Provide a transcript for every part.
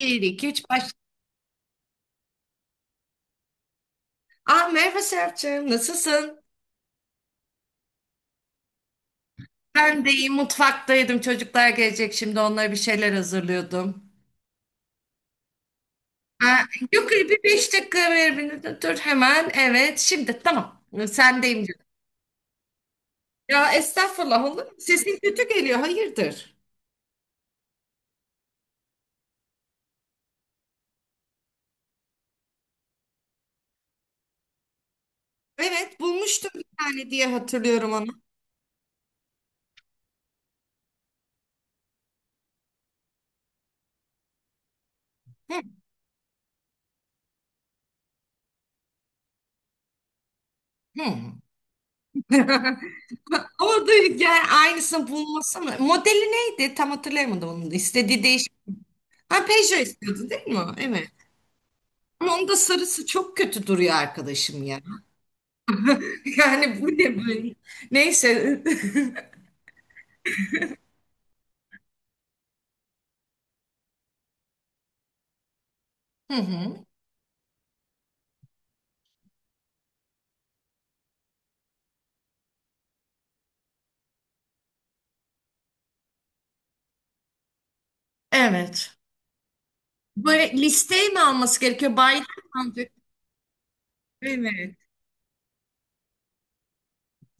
1, 2, 3, baş. Ah merhaba Serapcığım, nasılsın? Ben de iyi, mutfaktaydım. Çocuklar gelecek şimdi, onlara bir şeyler hazırlıyordum. Ha, yok bir 5 dakika ver beni. Dur hemen, evet. Şimdi tamam, sendeyim canım. Ya estağfurullah olur mu? Sesin kötü geliyor, hayırdır? Evet, bulmuştum bir tane diye hatırlıyorum onu. Hı, hı. Ama da yani aynısını bulmasana. Modeli neydi? Tam hatırlayamadım onu. Da. İstediği değişik. Ha Peugeot istiyordun değil mi? Evet. Ama onda sarısı çok kötü duruyor arkadaşım ya. Yani bu ne böyle? Neyse. Hı hı. Evet. Böyle listeyi mi alması gerekiyor? Bayram mı alacak? Evet.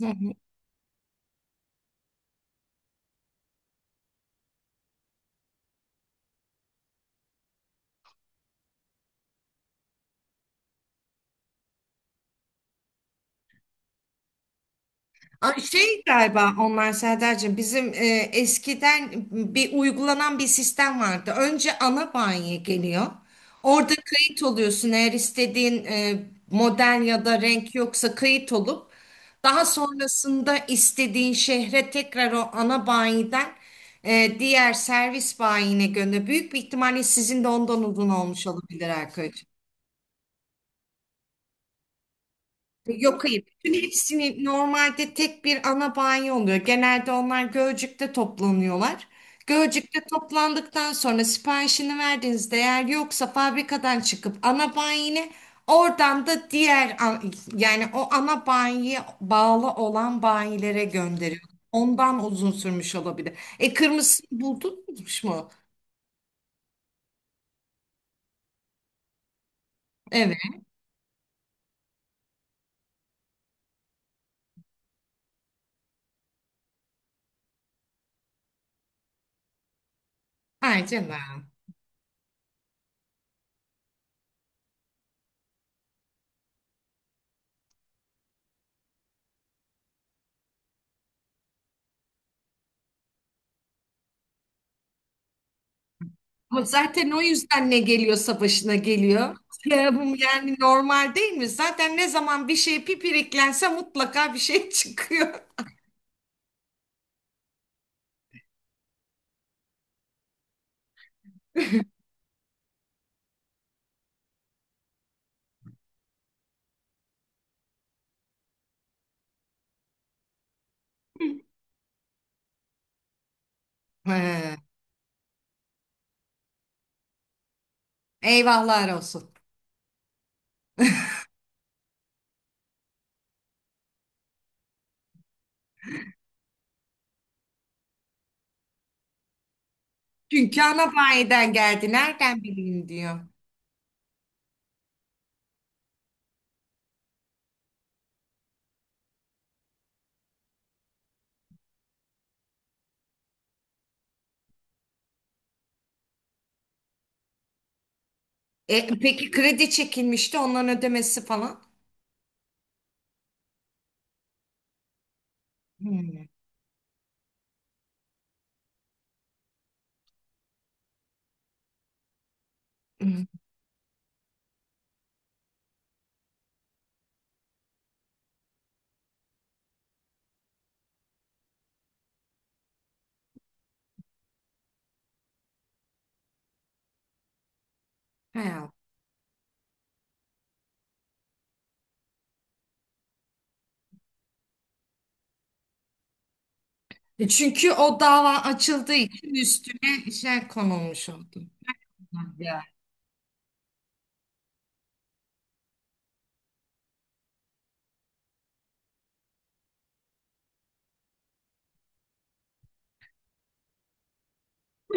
Hı hı. A, şey galiba onlar Serdar'cığım bizim eskiden bir uygulanan bir sistem vardı. Önce ana banyo geliyor. Orada kayıt oluyorsun, eğer istediğin model ya da renk yoksa kayıt olup daha sonrasında istediğin şehre tekrar o ana bayiden diğer servis bayine gönder. Büyük bir ihtimalle sizin de ondan uzun olmuş olabilir Erkay'cığım. Yok hayır. Bütün hepsini normalde tek bir ana banyo oluyor. Genelde onlar Gölcük'te toplanıyorlar. Gölcük'te toplandıktan sonra siparişini verdiğinizde, eğer yoksa fabrikadan çıkıp ana banyine oradan da yani o ana banyoya bağlı olan banyilere gönderiyor. Ondan uzun sürmüş olabilir. E kırmızısını buldunuz mu? Evet. Ay canım. Ama zaten o yüzden ne geliyorsa başına geliyor. Ya bu yani normal değil mi? Zaten ne zaman bir şey pipiriklense mutlaka bir şey çıkıyor. He, eyvahlar olsun. Çünkü ana bayiden geldi. Nereden bileyim diyor. E, peki kredi çekilmişti onların ödemesi falan. Hmm. Hmm. He. E, çünkü o dava açıldığı için üstüne şey konulmuş oldu. Ya.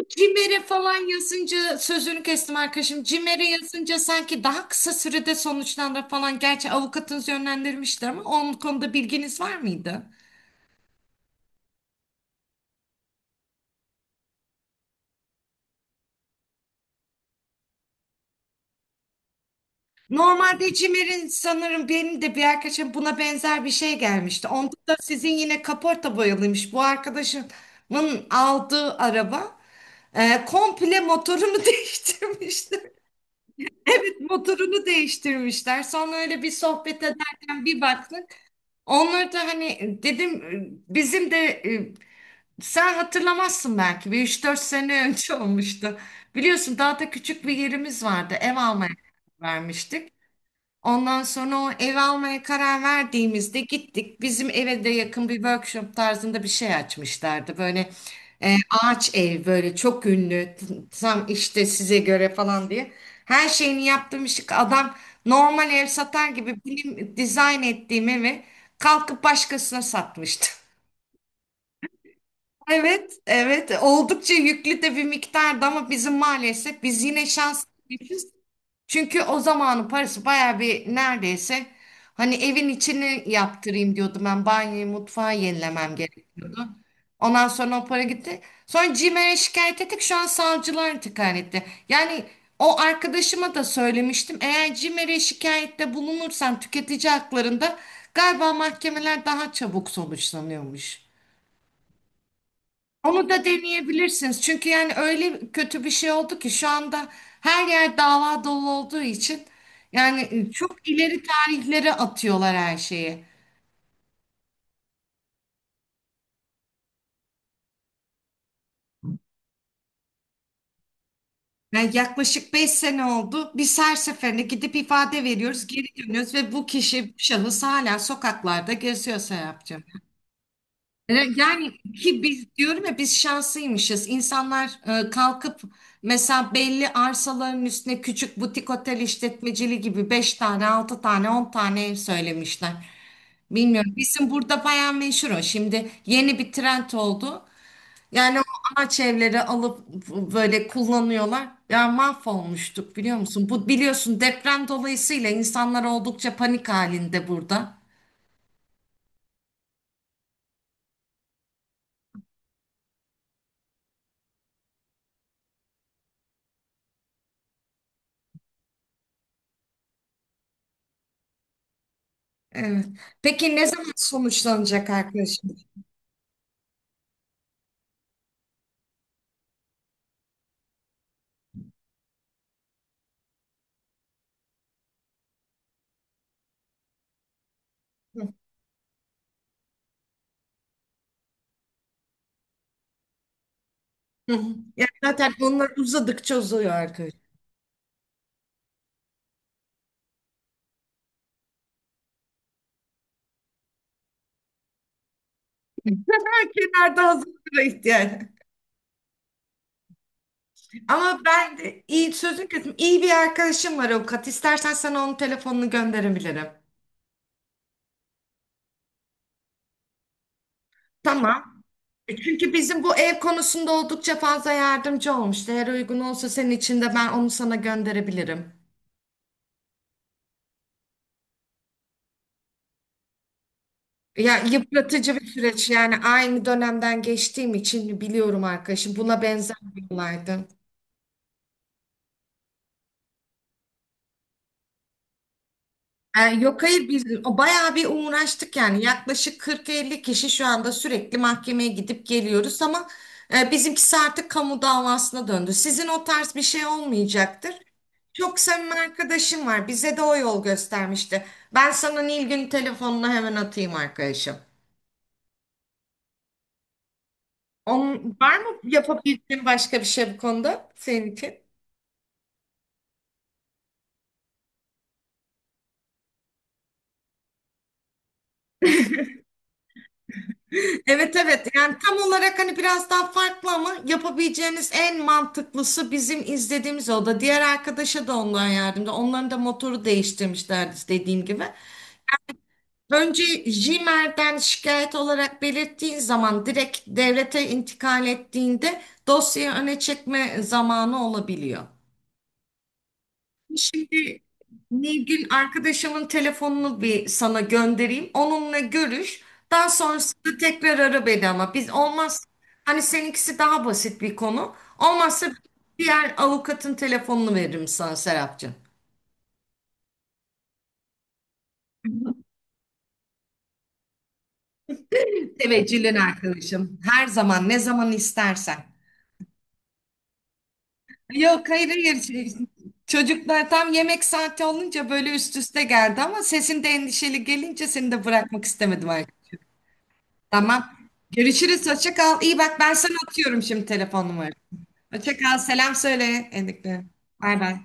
Cimer'e falan yazınca sözünü kestim arkadaşım. Cimer'e yazınca sanki daha kısa sürede sonuçlanır falan. Gerçi avukatınız yönlendirmişti ama onun konuda bilginiz var mıydı? Normalde Cimer'in sanırım benim de bir arkadaşım buna benzer bir şey gelmişti. Onda da sizin yine kaporta boyalıymış. Bu arkadaşımın aldığı araba komple motorunu değiştirmişler. Motorunu değiştirmişler. Sonra öyle bir sohbet ederken bir baktık. Onları da hani dedim bizim de e, sen hatırlamazsın belki bir 3 4 sene önce olmuştu. Biliyorsun daha da küçük bir yerimiz vardı, ev almaya karar vermiştik. Ondan sonra o ev almaya karar verdiğimizde gittik. Bizim eve de yakın bir workshop tarzında bir şey açmışlardı. Böyle e, ağaç ev böyle çok ünlü tam işte size göre falan diye. Her şeyini yaptığım işi adam normal ev satar gibi benim dizayn ettiğim evi kalkıp başkasına satmıştı. Evet, evet. Oldukça yüklü de bir miktardı ama bizim maalesef biz yine şanslıyız. Çünkü o zamanın parası bayağı bir, neredeyse hani evin içini yaptırayım diyordum, ben banyoyu mutfağı yenilemem gerek. Ondan sonra o para gitti. Sonra CİMER'e şikayet ettik, şu an savcılar intikal etti. Yani o arkadaşıma da söylemiştim, eğer CİMER'e şikayette bulunursan tüketici haklarında galiba mahkemeler daha çabuk sonuçlanıyormuş. Onu da deneyebilirsiniz. Çünkü yani öyle kötü bir şey oldu ki şu anda her yer dava dolu olduğu için yani çok ileri tarihlere atıyorlar her şeyi. Yani yaklaşık 5 sene oldu. Biz her seferinde gidip ifade veriyoruz, geri dönüyoruz ve bu kişi, bu şahıs hala sokaklarda geziyor Serapcığım. E, yani ki biz diyorum ya biz şanslıymışız. İnsanlar kalkıp mesela belli arsaların üstüne küçük butik otel işletmeciliği gibi 5 tane, 6 tane, 10 tane ev söylemişler. Bilmiyorum. Bizim burada bayağı meşhur o. Şimdi yeni bir trend oldu. Yani o ağaç evleri alıp böyle kullanıyorlar. Ya mahvolmuştuk biliyor musun? Bu biliyorsun deprem dolayısıyla insanlar oldukça panik halinde burada. Evet. Peki ne zaman sonuçlanacak arkadaşım? Hı hı. Yani zaten onlar uzadıkça uzuyor arkadaşlar. Kenarda hazırlığa ihtiyaç. Ama ben de iyi sözün kesimi, iyi bir arkadaşım var avukat. İstersen sana onun telefonunu gönderebilirim. Tamam. Çünkü bizim bu ev konusunda oldukça fazla yardımcı olmuştu. Eğer uygun olsa senin için de ben onu sana gönderebilirim. Ya yıpratıcı bir süreç yani, aynı dönemden geçtiğim için biliyorum arkadaşım. Buna benzer bir olaydı. E, yok hayır, biz o bayağı bir uğraştık, yani yaklaşık 40-50 kişi şu anda sürekli mahkemeye gidip geliyoruz ama bizimkisi artık kamu davasına döndü. Sizin o tarz bir şey olmayacaktır. Çok samimi arkadaşım var, bize de o yol göstermişti. Ben sana Nilgün telefonunu hemen atayım arkadaşım. Onun, var mı yapabildiğin başka bir şey bu konuda senin için? Evet, evet, yani tam olarak hani biraz daha farklı ama yapabileceğiniz en mantıklısı bizim izlediğimiz o da. Diğer arkadaşa da ondan yardımcı. Onların da motoru değiştirmişlerdi dediğim gibi. Önce Jimer'den şikayet olarak belirttiğin zaman direkt devlete intikal ettiğinde dosyayı öne çekme zamanı olabiliyor. Şimdi Nilgün arkadaşımın telefonunu bir sana göndereyim. Onunla görüş. Daha sonrasında tekrar ara beni ama biz olmaz. Hani seninkisi daha basit bir konu. Olmazsa diğer avukatın telefonunu veririm sana Serapcığım. Teveccühlen arkadaşım. Her zaman ne zaman istersen. Yok hayır, hayır. Şey, çocuklar tam yemek saati olunca böyle üst üste geldi ama sesin de endişeli gelince seni de bırakmak istemedim. Tamam. Görüşürüz. Hoşça kal. İyi bak, ben sana atıyorum şimdi telefon numarası. Hoşça kal. Selam söyle Endik'le. Bay bay.